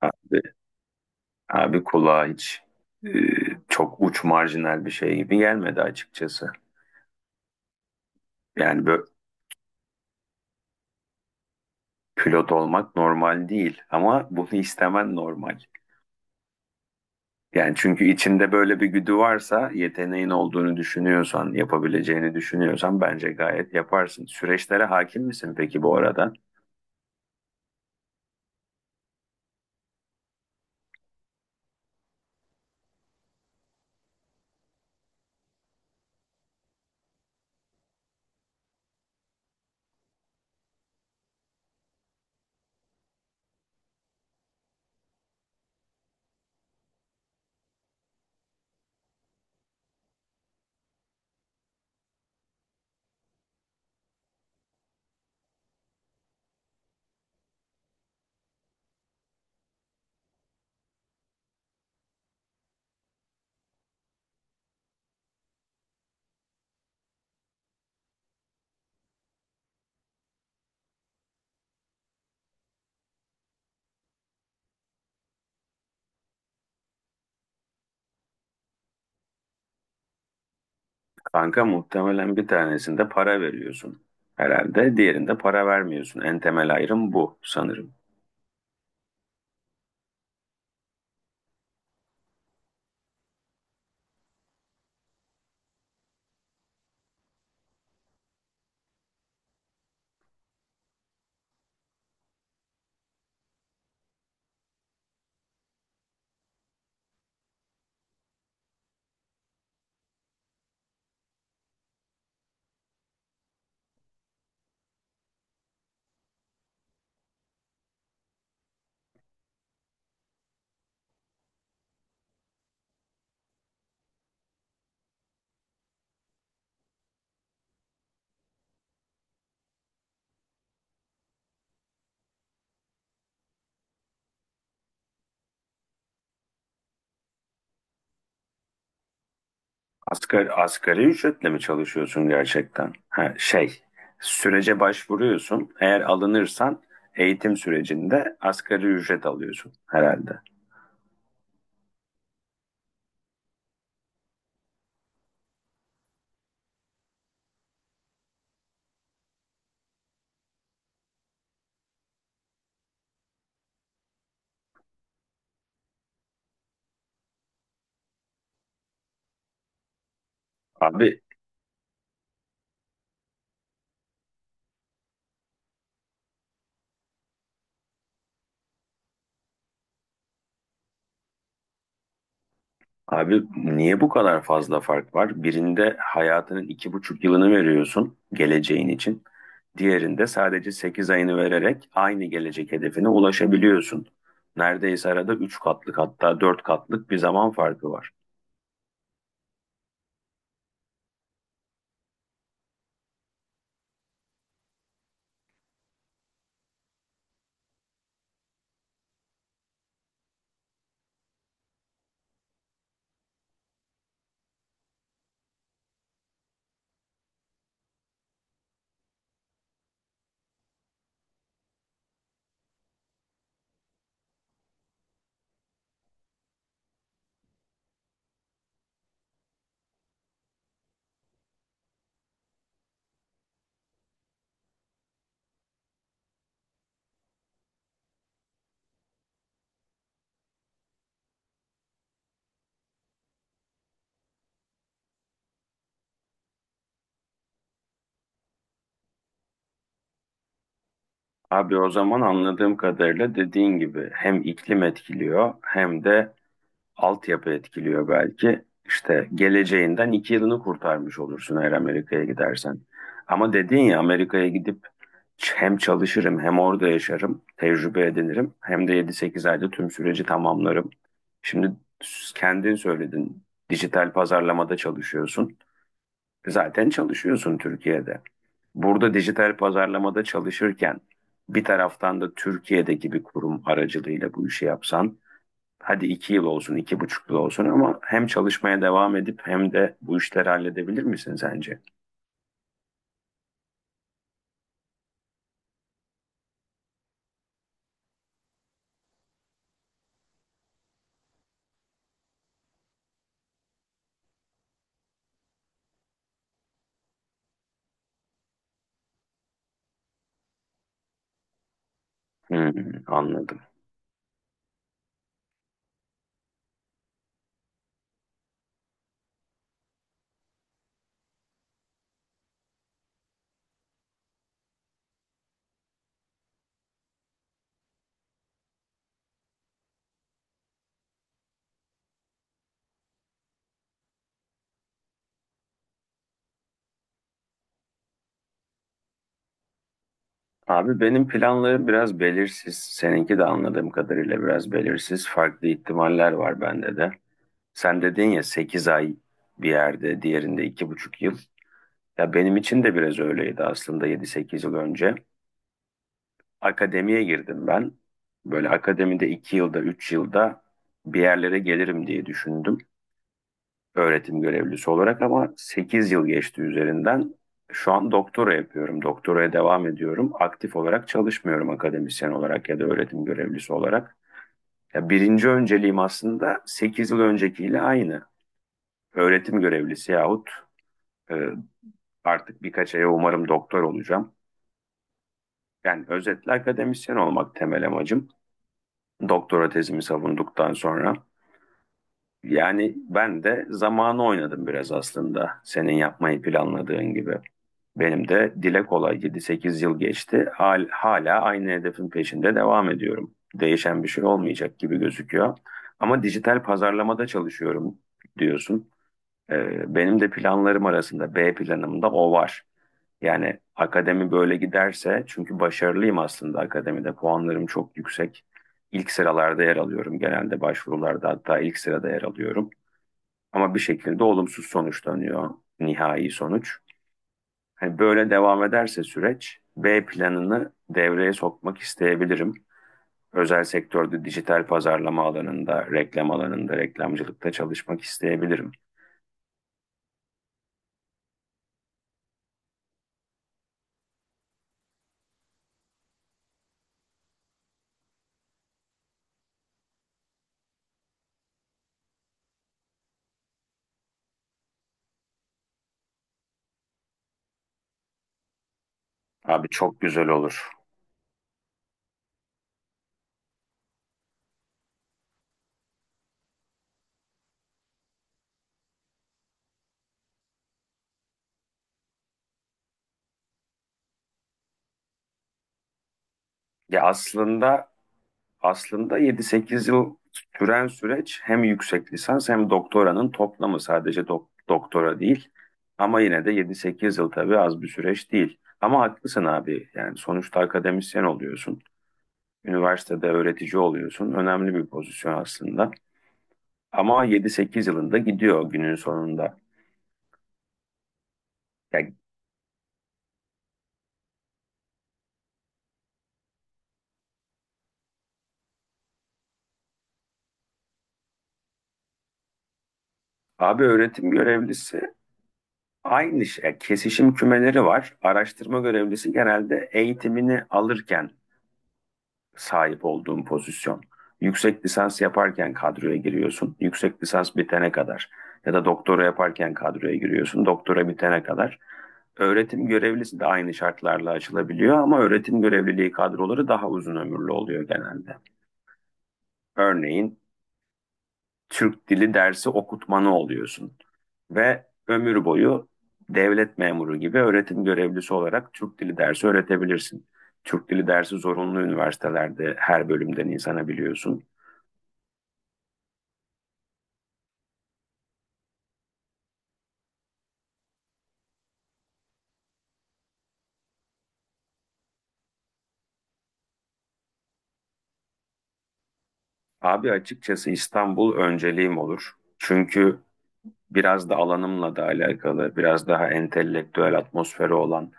Abi, abi, kulağa hiç e, çok uç marjinal bir şey gibi gelmedi açıkçası. Yani böyle pilot olmak normal değil ama bunu istemen normal. Yani çünkü içinde böyle bir güdü varsa, yeteneğin olduğunu düşünüyorsan, yapabileceğini düşünüyorsan bence gayet yaparsın. Süreçlere hakim misin peki bu arada? Kanka muhtemelen bir tanesinde para veriyorsun herhalde, diğerinde para vermiyorsun. En temel ayrım bu sanırım. Asgari ücretle mi çalışıyorsun gerçekten? Ha, şey, sürece başvuruyorsun. Eğer alınırsan eğitim sürecinde asgari ücret alıyorsun herhalde. Abi, abi, niye bu kadar fazla fark var? Birinde hayatının iki buçuk yılını veriyorsun geleceğin için. Diğerinde sadece sekiz ayını vererek aynı gelecek hedefine ulaşabiliyorsun. Neredeyse arada üç katlık hatta dört katlık bir zaman farkı var. Abi o zaman anladığım kadarıyla dediğin gibi hem iklim etkiliyor hem de altyapı etkiliyor belki. İşte geleceğinden iki yılını kurtarmış olursun eğer Amerika'ya gidersen. Ama dediğin ya Amerika'ya gidip hem çalışırım hem orada yaşarım, tecrübe edinirim hem de yedi sekiz ayda tüm süreci tamamlarım. Şimdi kendin söyledin dijital pazarlamada çalışıyorsun. Zaten çalışıyorsun Türkiye'de. Burada dijital pazarlamada çalışırken bir taraftan da Türkiye'deki bir kurum aracılığıyla bu işi yapsan, hadi iki yıl olsun, iki buçuk yıl olsun ama hem çalışmaya devam edip hem de bu işleri halledebilir misin sence? Hmm, anladım. Abi benim planlarım biraz belirsiz. Seninki de anladığım kadarıyla biraz belirsiz. Farklı ihtimaller var bende de. Sen dedin ya 8 ay bir yerde, diğerinde iki buçuk yıl. Ya benim için de biraz öyleydi aslında yedi sekiz yıl önce. Akademiye girdim ben. Böyle akademide iki yılda, üç yılda bir yerlere gelirim diye düşündüm. Öğretim görevlisi olarak ama 8 yıl geçti üzerinden. Şu an doktora yapıyorum. Doktoraya devam ediyorum. Aktif olarak çalışmıyorum akademisyen olarak ya da öğretim görevlisi olarak. Ya birinci önceliğim aslında 8 yıl öncekiyle aynı. Öğretim görevlisi yahut e, artık birkaç aya umarım doktor olacağım. Yani özetle akademisyen olmak temel amacım. Doktora tezimi savunduktan sonra. Yani ben de zamanı oynadım biraz aslında. Senin yapmayı planladığın gibi. Benim de dile kolay 7-8 yıl geçti. Hala aynı hedefin peşinde devam ediyorum. Değişen bir şey olmayacak gibi gözüküyor. Ama dijital pazarlamada çalışıyorum diyorsun. Benim de planlarım arasında B planımda o var. Yani akademi böyle giderse çünkü başarılıyım aslında akademide puanlarım çok yüksek. İlk sıralarda yer alıyorum genelde başvurularda hatta ilk sırada yer alıyorum. Ama bir şekilde olumsuz sonuçlanıyor nihai sonuç. Hani böyle devam ederse süreç B planını devreye sokmak isteyebilirim. Özel sektörde dijital pazarlama alanında, reklam alanında, reklamcılıkta çalışmak isteyebilirim. Abi çok güzel olur. Ya aslında yedi sekiz yıl süren süreç hem yüksek lisans hem doktoranın toplamı sadece doktora değil. Ama yine de yedi sekiz yıl tabii az bir süreç değil. Ama haklısın abi. Yani sonuçta akademisyen oluyorsun. Üniversitede öğretici oluyorsun. Önemli bir pozisyon aslında. Ama yedi sekiz yılında gidiyor günün sonunda. Ya abi öğretim görevlisi aynı şey. Kesişim kümeleri var. Araştırma görevlisi genelde eğitimini alırken sahip olduğun pozisyon. Yüksek lisans yaparken kadroya giriyorsun. Yüksek lisans bitene kadar ya da doktora yaparken kadroya giriyorsun. Doktora bitene kadar. Öğretim görevlisi de aynı şartlarla açılabiliyor ama öğretim görevliliği kadroları daha uzun ömürlü oluyor genelde. Örneğin Türk dili dersi okutmanı oluyorsun ve ömür boyu devlet memuru gibi öğretim görevlisi olarak Türk dili dersi öğretebilirsin. Türk dili dersi zorunlu üniversitelerde her bölümden insana biliyorsun. Abi açıkçası İstanbul önceliğim olur. Çünkü biraz da alanımla da alakalı, biraz daha entelektüel atmosferi olan,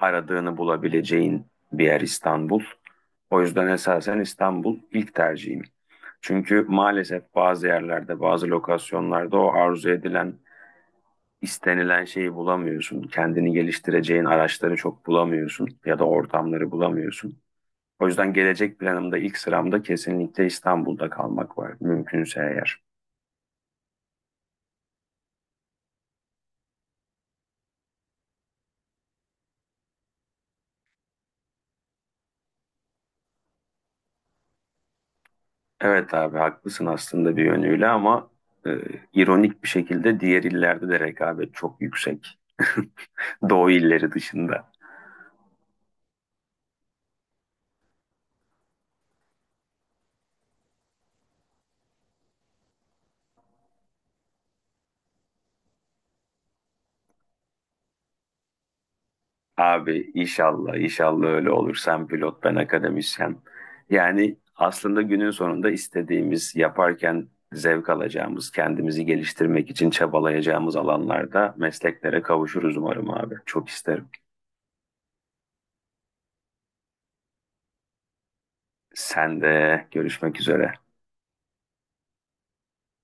aradığını bulabileceğin bir yer İstanbul. O yüzden esasen İstanbul ilk tercihim. Çünkü maalesef bazı yerlerde, bazı lokasyonlarda o arzu edilen, istenilen şeyi bulamıyorsun. Kendini geliştireceğin araçları çok bulamıyorsun ya da ortamları bulamıyorsun. O yüzden gelecek planımda ilk sıramda kesinlikle İstanbul'da kalmak var mümkünse eğer. Evet abi haklısın aslında bir yönüyle ama e, ironik bir şekilde diğer illerde de rekabet çok yüksek. Doğu illeri dışında. Abi inşallah inşallah öyle olur. Sen pilot ben akademisyen. Yani aslında günün sonunda istediğimiz yaparken zevk alacağımız, kendimizi geliştirmek için çabalayacağımız alanlarda mesleklere kavuşuruz umarım abi. Çok isterim. Sen de görüşmek üzere.